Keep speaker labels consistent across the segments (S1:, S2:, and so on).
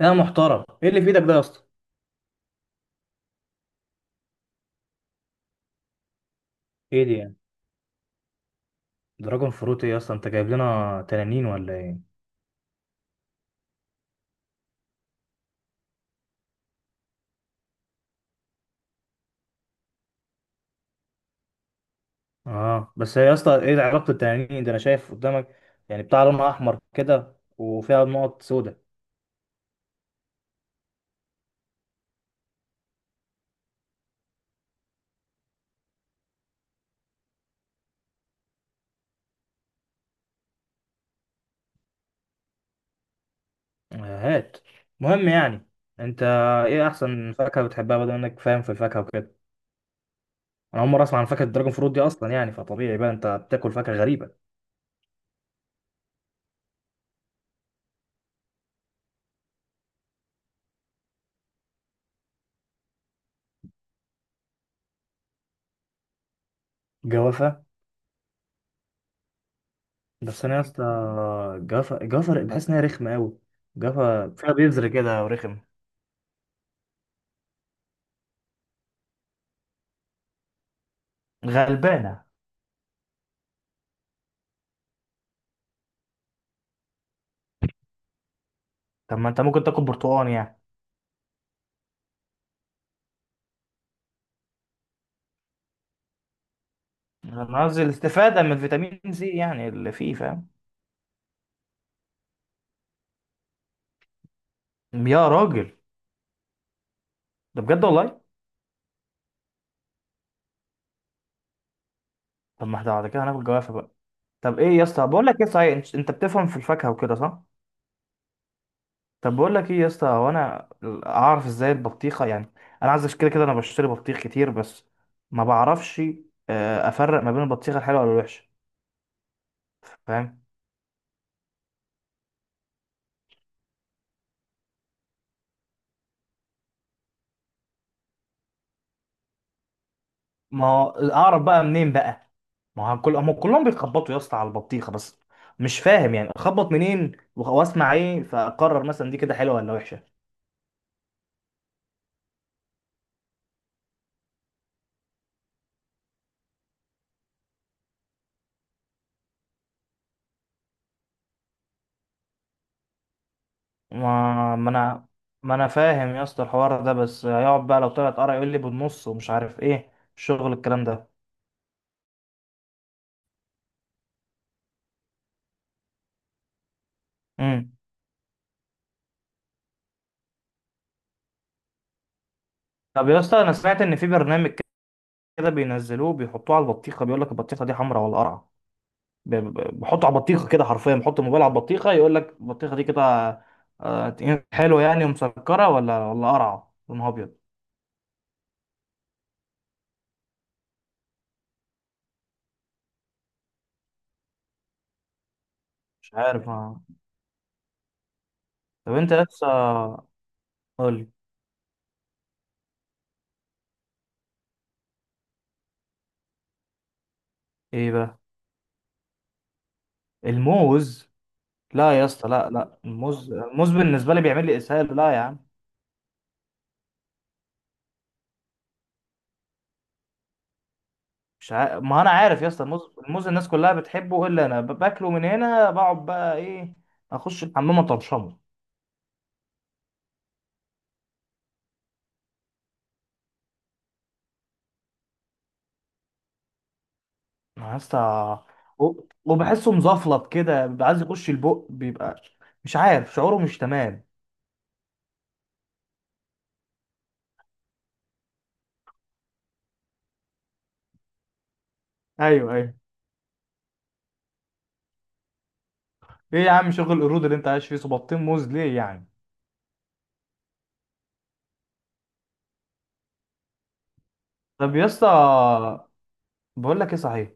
S1: يا محترم، ايه اللي في ايدك ده يا اسطى؟ ايه دي يعني؟ دراجون فروت ايه يا اسطى، انت جايب لنا تنانين ولا ايه؟ اه، بس يا اسطى، ايه علاقه التنانين ده؟ انا شايف قدامك يعني بتاع لونها احمر كده وفيها نقط سوداء. آه، هات. مهم يعني. انت، ايه احسن فاكهه بتحبها؟ بدل انك فاهم في الفاكهه وكده، انا اول مره اسمع عن فاكهه الدراجون فروت دي اصلا. يعني فطبيعي بقى انت بتاكل فاكهه غريبه. جوافه؟ بس انا يا اسطى، جوافه جوافه، بحس ان هي رخمه قوي. جوافه فيها بذر كده ورخم. غلبانه. طب ما انت ممكن تاكل برتقال يعني. انا قصدي الاستفاده من الفيتامين سي، يعني اللي فيه، فاهم. يا راجل، ده بجد والله. طب ما احنا بعد كده هناكل جوافه بقى. طب ايه يا اسطى، بقول لك ايه، صحيح انت بتفهم في الفاكهه وكده، صح؟ طب بقول لك ايه يا اسطى، هو انا اعرف ازاي البطيخه يعني؟ انا عايز كده كده انا بشتري بطيخ كتير، بس ما بعرفش افرق ما بين البطيخه الحلوه والوحشه. فاهم؟ ما هو اعرف بقى منين بقى؟ ما هو كل هم كلهم بيخبطوا يا اسطى على البطيخه بس، مش فاهم يعني اخبط منين، واسمع ايه، فاقرر مثلا دي كده حلوه ولا وحشه. ما انا، ما انا فاهم يا اسطى الحوار ده، بس هيقعد بقى لو طلعت قرع يقول لي بالنص، ومش عارف ايه الشغل الكلام ده. امم طب يا اسطى، انا سمعت ان في برنامج كده بينزلوه بيحطوه على البطيخه، بيقول لك البطيخه دي حمراء ولا قرعه. بحطه على بطيخه كده، حرفيا بحط الموبايل على البطيخه يقول لك البطيخه دي كده آه، حلوه يعني ومسكره، ولا قرعه لونها ابيض. مش عارف. طب انت لسه، قول لي. ايه بقى؟ الموز؟ لا يا اسطى، لا، لا، الموز، الموز بالنسبه لي بيعمل لي اسهال. لا يا عم. مش عارف، ما انا عارف يا اسطى الموز. الموز الناس كلها بتحبه الا انا، باكله من هنا بقعد بقى ايه، اخش الحمام اطرشمه. يا اسطى، و- وبحسه مزفلط كده، بيبقى عايز يخش البق، بيبقى مش عارف، شعوره مش تمام. ايوه، ايوه. ايه يا عم شغل القرود اللي انت عايش فيه؟ صباطين موز ليه يعني؟ طب يا اسطى، بقول لك ايه، صحيح،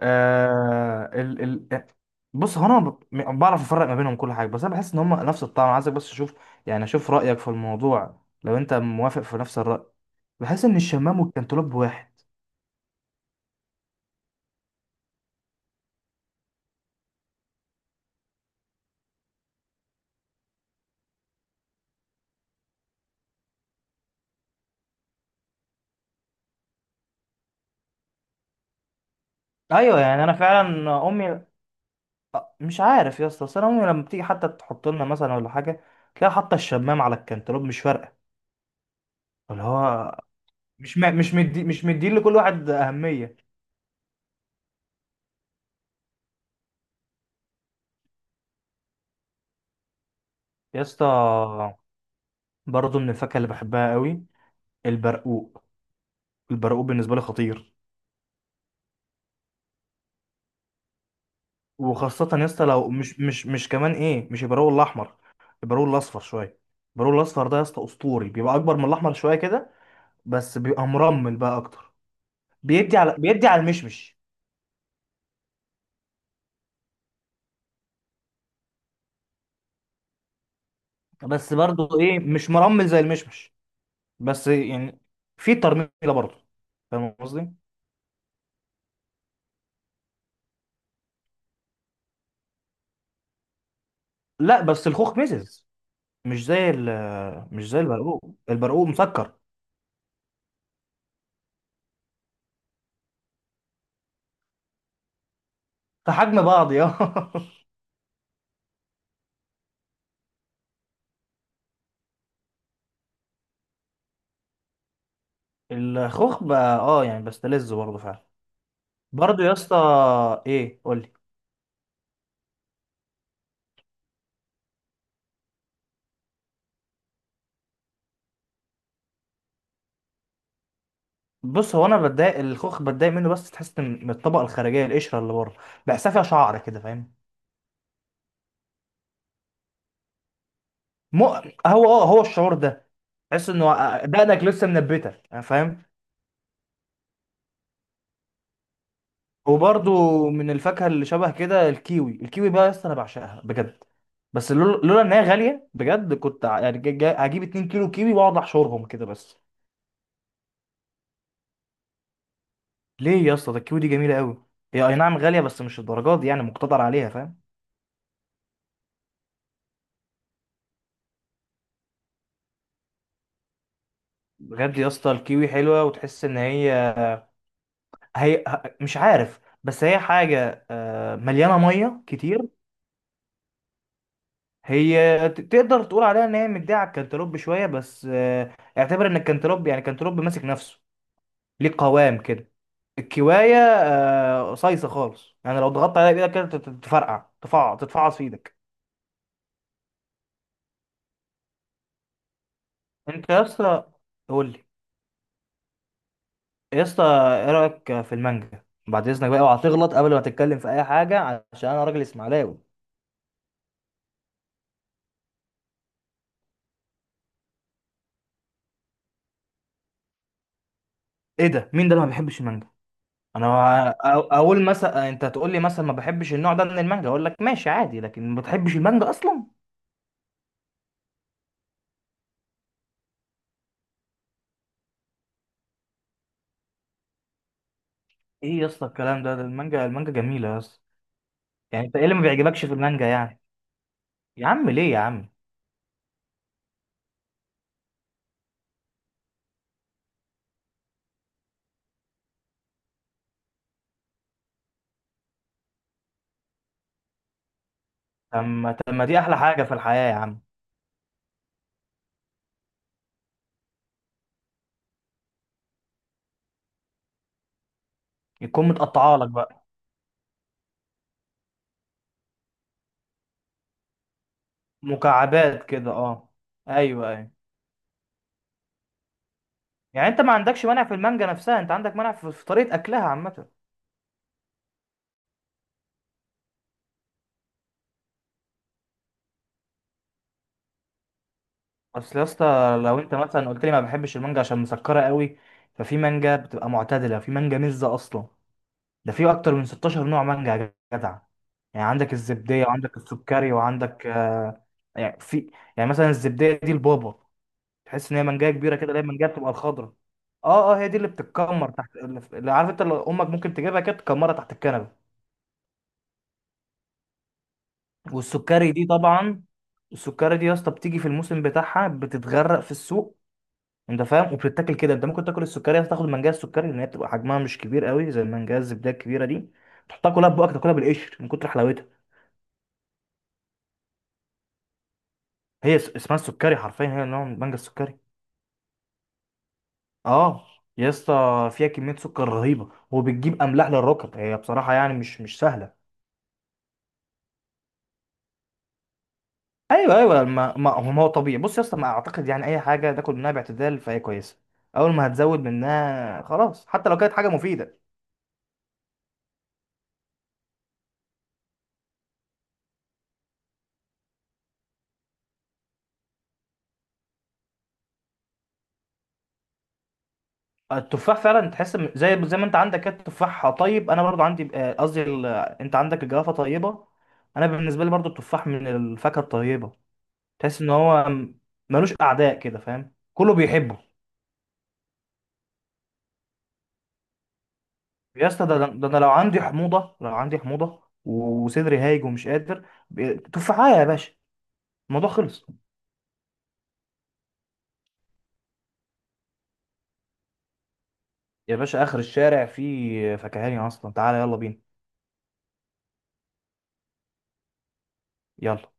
S1: آه ال ال بص، هو انا بعرف افرق ما بينهم كل حاجه، بس انا بحس ان هم نفس الطعم. عايزك بس اشوف، يعني اشوف رايك في الموضوع لو انت موافق في نفس الراي. بحس ان الشمام والكنتالوب واحد. ايوه، يعني انا فعلا امي، مش عارف يا اسطى، بس انا امي لما بتيجي حتى تحط لنا مثلا ولا حاجه، تلاقي حاطه الشمام على الكنتالوب، مش فارقه. اللي هو مش مدين لكل واحد اهميه. يا اسطى، برضه من الفاكهه اللي بحبها قوي البرقوق. البرقوق بالنسبه لي خطير. وخاصه يا اسطى لو مش كمان ايه، مش البرقوق الاحمر، البرقوق الاصفر شويه. البرقوق الاصفر ده يا اسطى اسطوري، بيبقى اكبر من الاحمر شويه كده، بس بيبقى مرمل بقى اكتر. بيدي على المشمش. بس برضه ايه، مش مرمل زي المشمش، بس يعني في ترميله برضه. فاهم قصدي؟ لا بس الخوخ مزز، مش زي ال، مش زي البرقوق. البرقوق مسكر. في حجم بعض، يا الخوخ بقى، يعني بستلذ برضه فعلا. برضه يا اسطى، ايه؟ قول لي. بص، هو انا بتضايق الخوخ، بتضايق منه، بس تحس من الطبقه الخارجيه، القشره اللي بره بحسها فيها شعر كده، فاهم؟ مو هو اه هو الشعور ده. تحس انه دقنك لسه منبته، فاهم؟ وبرضو من الفاكهه اللي شبه كده الكيوي. الكيوي بقى يا اسطى انا بعشقها بجد. بس لولا ان هي غاليه بجد كنت يعني هجيب 2 كيلو كيوي واقعد احشرهم كده بس. ليه يا اسطى؟ ده الكيوي دي جميله قوي. هي اي نعم غاليه، بس مش الدرجات دي، يعني مقتدر عليها، فاهم؟ بجد يا اسطى الكيوي حلوه، وتحس ان هي، مش عارف، بس هي حاجه مليانه ميه كتير. هي تقدر تقول عليها ان هي مديه على الكنتالوب شويه، بس اعتبر ان الكنتالوب، يعني الكنتالوب ماسك نفسه، ليه قوام كده. الكوايه قصيصه خالص، يعني لو ضغطت عليها بايدك كده تفرقع تتفعص في ايدك. انت يا اسطى، قول لي. يا اسطى، ايه رايك في المانجا؟ بعد اذنك بقى، اوعى تغلط قبل ما تتكلم في اي حاجه، عشان انا راجل اسماعيلاوي. ايه ده؟ مين ده اللي ما بيحبش المانجا؟ انا، اقول مثلا انت تقول لي مثلا ما بحبش النوع ده من المانجا، اقول لك ماشي عادي، لكن ما بتحبش المانجا اصلا؟ ايه يا اسطى الكلام ده المانجا، المانجا جميله يا اسطى. يعني انت ايه اللي ما بيعجبكش في المانجا يعني؟ يا عم ليه يا عم؟ طب ما دي احلى حاجه في الحياه يا عم. يكون متقطعه لك بقى، مكعبات كده، اه. ايوه، ايوه. يعني انت ما عندكش مانع في المانجا نفسها، انت عندك مانع في طريقه اكلها عامه. اصل يا اسطى، لو انت مثلا قلت لي ما بحبش المانجا عشان مسكره قوي، ففي مانجا بتبقى معتدله، في مانجا مزه اصلا. ده في اكتر من 16 نوع مانجا يا جدع. يعني عندك الزبديه، وعندك السكري، وعندك آه يعني في، يعني مثلا الزبديه دي البابا. تحس ان هي منجايه كبيره كده، اللي هي المنجايه بتبقى الخضراء. اه، اه، هي دي اللي بتتكمر تحت، اللي عارف انت، اللي امك ممكن تجيبها كده تكمرها تحت الكنبه. والسكري دي طبعا، السكري دي يا اسطى بتيجي في الموسم بتاعها بتتغرق في السوق، انت فاهم؟ وبتتاكل كده، انت ممكن تاكل السكري، تاخد المنجايه السكري لان هي بتبقى حجمها مش كبير قوي زي المنجايه الزبده الكبيره دي، تحطها كلها في بقك تاكلها بالقشر من كتر حلاوتها. هي اسمها السكري حرفيا، هي نوع من المانجا السكري. اه. يا اسطى فيها كميه سكر رهيبه، وبتجيب املاح للركب، هي بصراحه يعني مش سهله. ايوه، ايوه. ما هو، ما هو طبيعي. بص يا اسطى، ما اعتقد يعني اي حاجه تاكل منها باعتدال فهي كويسه. اول ما هتزود منها خلاص حتى لو كانت حاجه مفيده. التفاح فعلا تحس زي ما انت عندك كده، التفاح طيب. انا برضو عندي قصدي انت عندك الجوافه طيبه، انا بالنسبه لي برضو التفاح من الفاكهه الطيبه، تحس ان هو ملوش اعداء كده، فاهم؟ كله بيحبه. يا اسطى ده انا لو عندي حموضه، لو عندي حموضه وصدري هايج ومش قادر، تفاحه يا باشا، الموضوع خلص. يا باشا، اخر الشارع فيه فكهاني اصلا، تعالى يلا بينا. يلا.